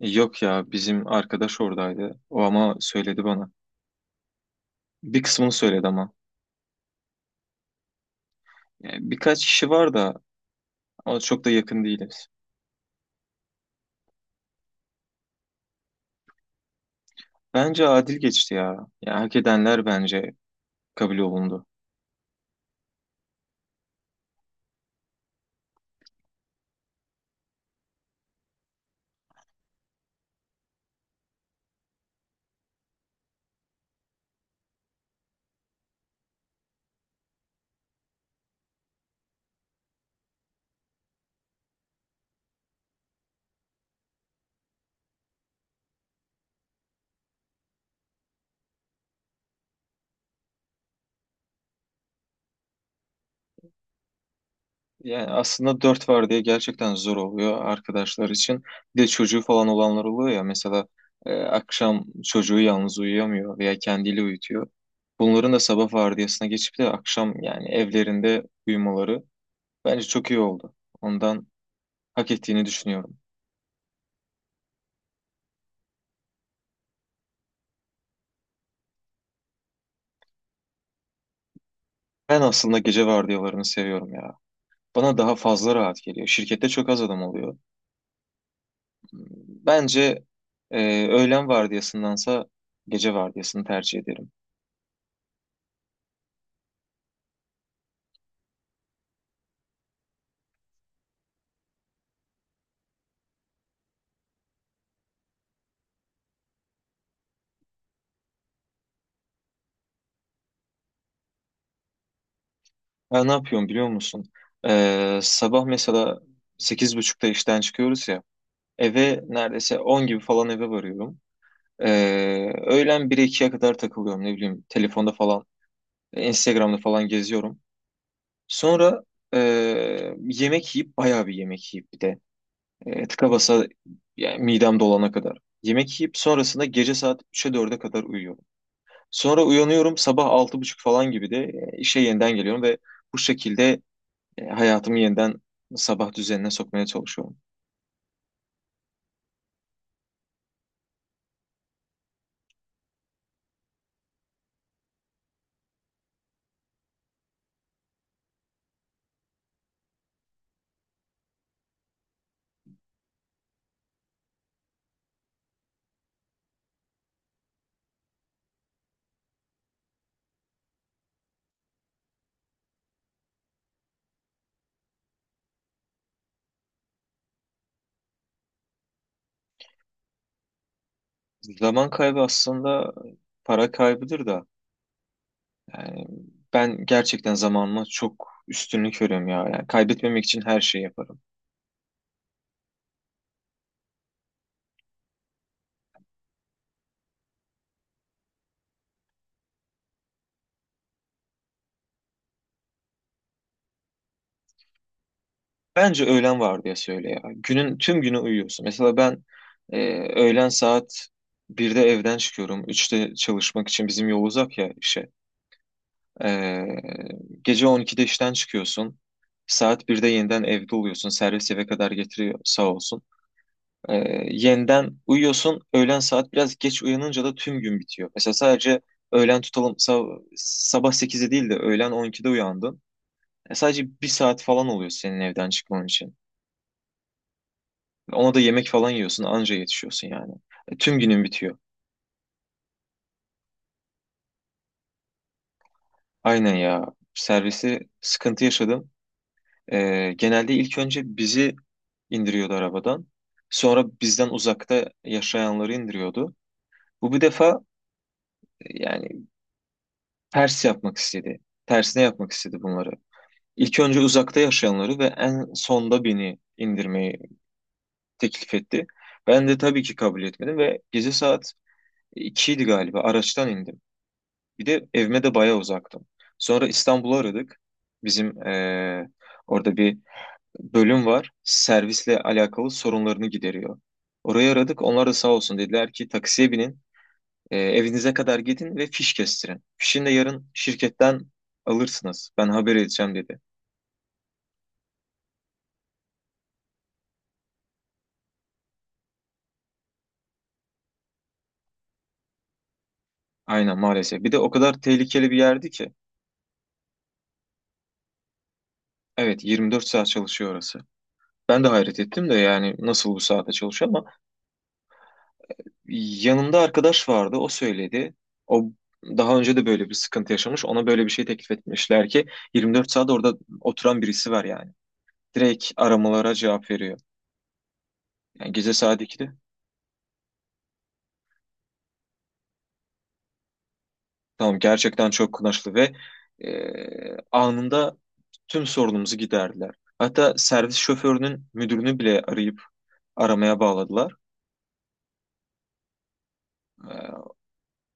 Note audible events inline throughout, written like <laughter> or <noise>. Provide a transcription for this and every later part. Yok ya, bizim arkadaş oradaydı. O ama söyledi bana. Bir kısmını söyledi ama. Yani birkaç kişi var da ama çok da yakın değiliz. Bence adil geçti ya. Yani hak edenler bence kabul olundu. Yani aslında dört var diye gerçekten zor oluyor arkadaşlar için. Bir de çocuğu falan olanlar oluyor ya. Mesela akşam çocuğu yalnız uyuyamıyor veya kendiyle uyutuyor. Bunların da sabah vardiyasına geçip de akşam yani evlerinde uyumaları bence çok iyi oldu. Ondan hak ettiğini düşünüyorum. Ben aslında gece vardiyalarını seviyorum ya. Bana daha fazla rahat geliyor. Şirkette çok az adam oluyor. Bence öğlen vardiyasındansa gece vardiyasını tercih ederim. Ben ne yapıyorum biliyor musun? Sabah mesela 8.30'da işten çıkıyoruz ya. Eve neredeyse 10 gibi falan eve varıyorum. E, Öğlen 1 2'ye kadar takılıyorum, ne bileyim. Telefonda falan, Instagram'da falan geziyorum. Sonra e, yemek yiyip bayağı bir yemek yiyip bir de. Tıka basa, yani midem dolana kadar. Yemek yiyip sonrasında gece saat 3'e 4'e kadar uyuyorum. Sonra uyanıyorum sabah 6.30 falan gibi de işe yeniden geliyorum ve bu şekilde hayatımı yeniden sabah düzenine sokmaya çalışıyorum. Zaman kaybı aslında para kaybıdır da. Yani ben gerçekten zamanıma çok üstünlük veriyorum ya. Yani kaybetmemek için her şeyi yaparım. Bence öğlen vardiyası söyle ya. Günün tüm günü uyuyorsun. Mesela ben e, öğlen saat 1'de evden çıkıyorum. 3'te çalışmak için bizim yol uzak ya işe. E, Gece 12'de işten çıkıyorsun. Saat 1'de yeniden evde oluyorsun. Servis eve kadar getiriyor, sağ olsun. E, Yeniden uyuyorsun. Öğlen saat biraz geç uyanınca da tüm gün bitiyor. Mesela sadece öğlen tutalım, sabah 8'de değil de öğlen 12'de uyandın. Sadece bir saat falan oluyor senin evden çıkman için. Ona da yemek falan yiyorsun, anca yetişiyorsun yani. Tüm günün bitiyor. Aynen ya. Servisi sıkıntı yaşadım. Genelde ilk önce bizi indiriyordu arabadan. Sonra bizden uzakta yaşayanları indiriyordu. Bu bir defa yani ters yapmak istedi. Tersine yapmak istedi bunları. İlk önce uzakta yaşayanları ve en sonda beni indirmeyi teklif etti. Ben de tabii ki kabul etmedim ve gece saat 2'ydi galiba araçtan indim. Bir de evime de bayağı uzaktım. Sonra İstanbul'u aradık. Bizim orada bir bölüm var. Servisle alakalı sorunlarını gideriyor. Orayı aradık. Onlar da sağ olsun, dediler ki taksiye binin. Evinize kadar gidin ve fiş kestirin. Fişini de yarın şirketten alırsınız. Ben haber edeceğim, dedi. Aynen, maalesef. Bir de o kadar tehlikeli bir yerdi ki. Evet, 24 saat çalışıyor orası. Ben de hayret ettim de, yani nasıl bu saate çalışıyor ama. Yanımda arkadaş vardı, o söyledi. O daha önce de böyle bir sıkıntı yaşamış. Ona böyle bir şey teklif etmişler ki 24 saat orada oturan birisi var yani. Direkt aramalara cevap veriyor. Yani gece saat 2'de. Tamam, gerçekten çok kumaşlı ve anında tüm sorunumuzu giderdiler. Hatta servis şoförünün müdürünü bile arayıp aramaya bağladılar.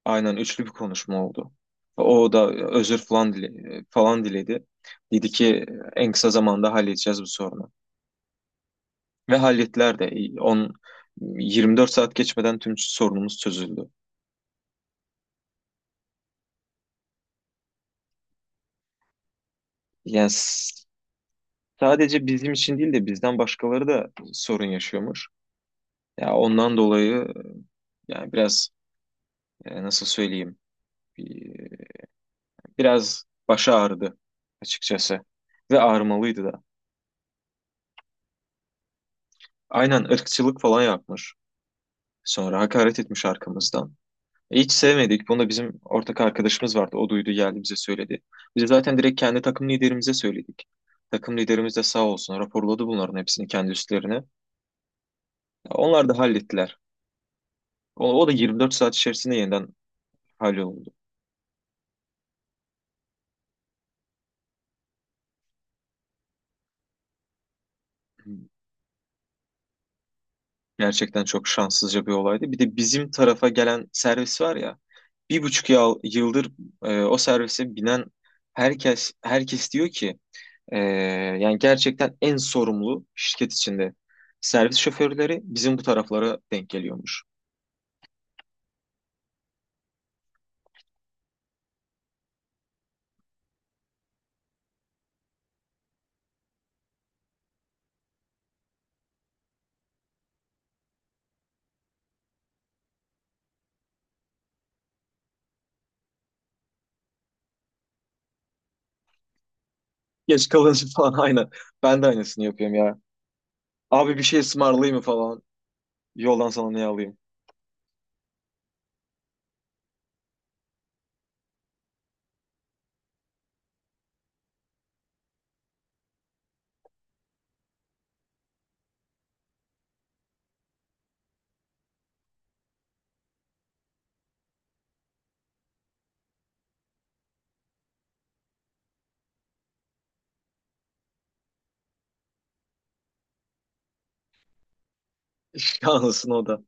Aynen, üçlü bir konuşma oldu. O da özür falan diledi. Dedi ki en kısa zamanda halledeceğiz bu sorunu. Ve hallettiler de. 10 24 saat geçmeden tüm sorunumuz çözüldü. Yani sadece bizim için değil de bizden başkaları da sorun yaşıyormuş. Ya ondan dolayı yani biraz, nasıl söyleyeyim, bir- biraz başı ağrıdı açıkçası ve ağrımalıydı da. Aynen, ırkçılık falan yapmış. Sonra hakaret etmiş arkamızdan. Hiç sevmedik. Bunu da bizim ortak arkadaşımız vardı. O duydu, geldi bize söyledi. Biz zaten direkt kendi takım liderimize söyledik. Takım liderimiz de sağ olsun, raporladı bunların hepsini kendi üstlerine. Onlar da hallettiler. O da 24 saat içerisinde yeniden halloldu. Gerçekten çok şanssızca bir olaydı. Bir de bizim tarafa gelen servis var ya. 1,5 yıldır o servise binen herkes diyor ki, Ee, yani gerçekten en sorumlu şirket içinde servis şoförleri bizim bu taraflara denk geliyormuş. Geç kalınca <laughs> falan, aynen. Ben de aynısını yapıyorum ya. Abi bir şey ısmarlayayım mı falan? Yoldan sana ne alayım? <laughs> Anlasın o da.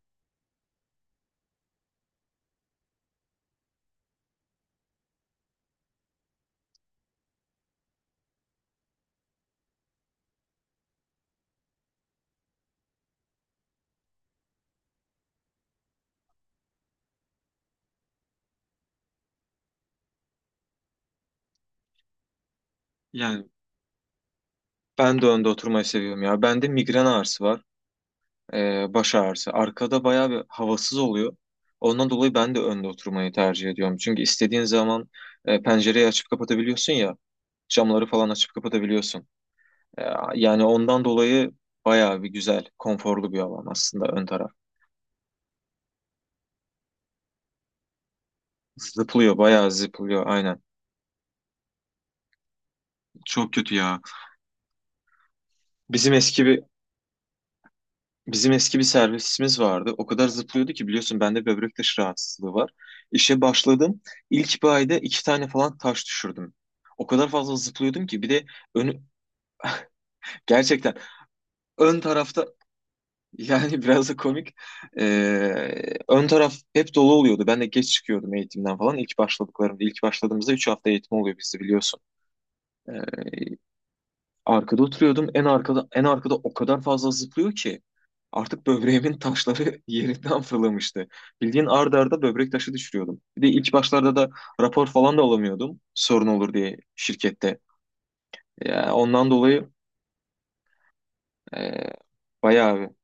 Yani ben de önde oturmayı seviyorum ya. Bende migren ağrısı var. Baş ağrısı. Arkada bayağı bir havasız oluyor. Ondan dolayı ben de önde oturmayı tercih ediyorum. Çünkü istediğin zaman pencereyi açıp kapatabiliyorsun ya. Camları falan açıp kapatabiliyorsun. Ee, Yani ondan dolayı bayağı bir güzel, konforlu bir alan aslında ön taraf. Zıplıyor, bayağı zıplıyor, aynen. Çok kötü ya. Bizim eski bir Bizim eski bir servisimiz vardı. O kadar zıplıyordu ki, biliyorsun bende böbrek taşı rahatsızlığı var. İşe başladım. İlk bir ayda iki tane falan taş düşürdüm. O kadar fazla zıplıyordum ki, bir de önü gerçekten ön tarafta. Yani, <laughs> biraz da komik. Ön taraf hep dolu oluyordu. Ben de geç çıkıyordum eğitimden falan. İlk başladığımızda 3 hafta eğitim oluyor bizde, biliyorsun. Ee, Arkada oturuyordum. En arkada o kadar fazla zıplıyor ki artık böbreğimin taşları <laughs> yerinden fırlamıştı. Bildiğin arda arda böbrek taşı düşürüyordum. Bir de ilk başlarda da rapor falan da alamıyordum. Sorun olur diye şirkette. Ya ondan dolayı e, bayağı,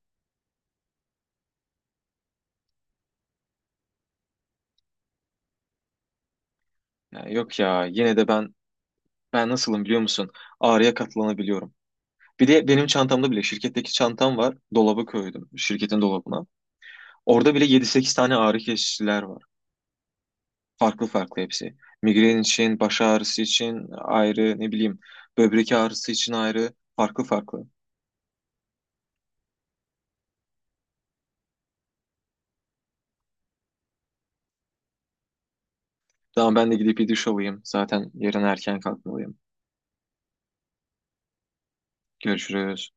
yani yok ya, yine de ben nasılım biliyor musun? Ağrıya katlanabiliyorum. Bir de benim çantamda bile şirketteki çantam var. Dolaba koydum. Şirketin dolabına. Orada bile yedi sekiz tane ağrı kesiciler var. Farklı farklı hepsi. Migren için, baş ağrısı için ayrı, ne bileyim, böbrek ağrısı için ayrı. Farklı farklı. Tamam, ben de gidip bir duş alayım. Zaten yarın erken kalkmalıyım. Görüşürüz.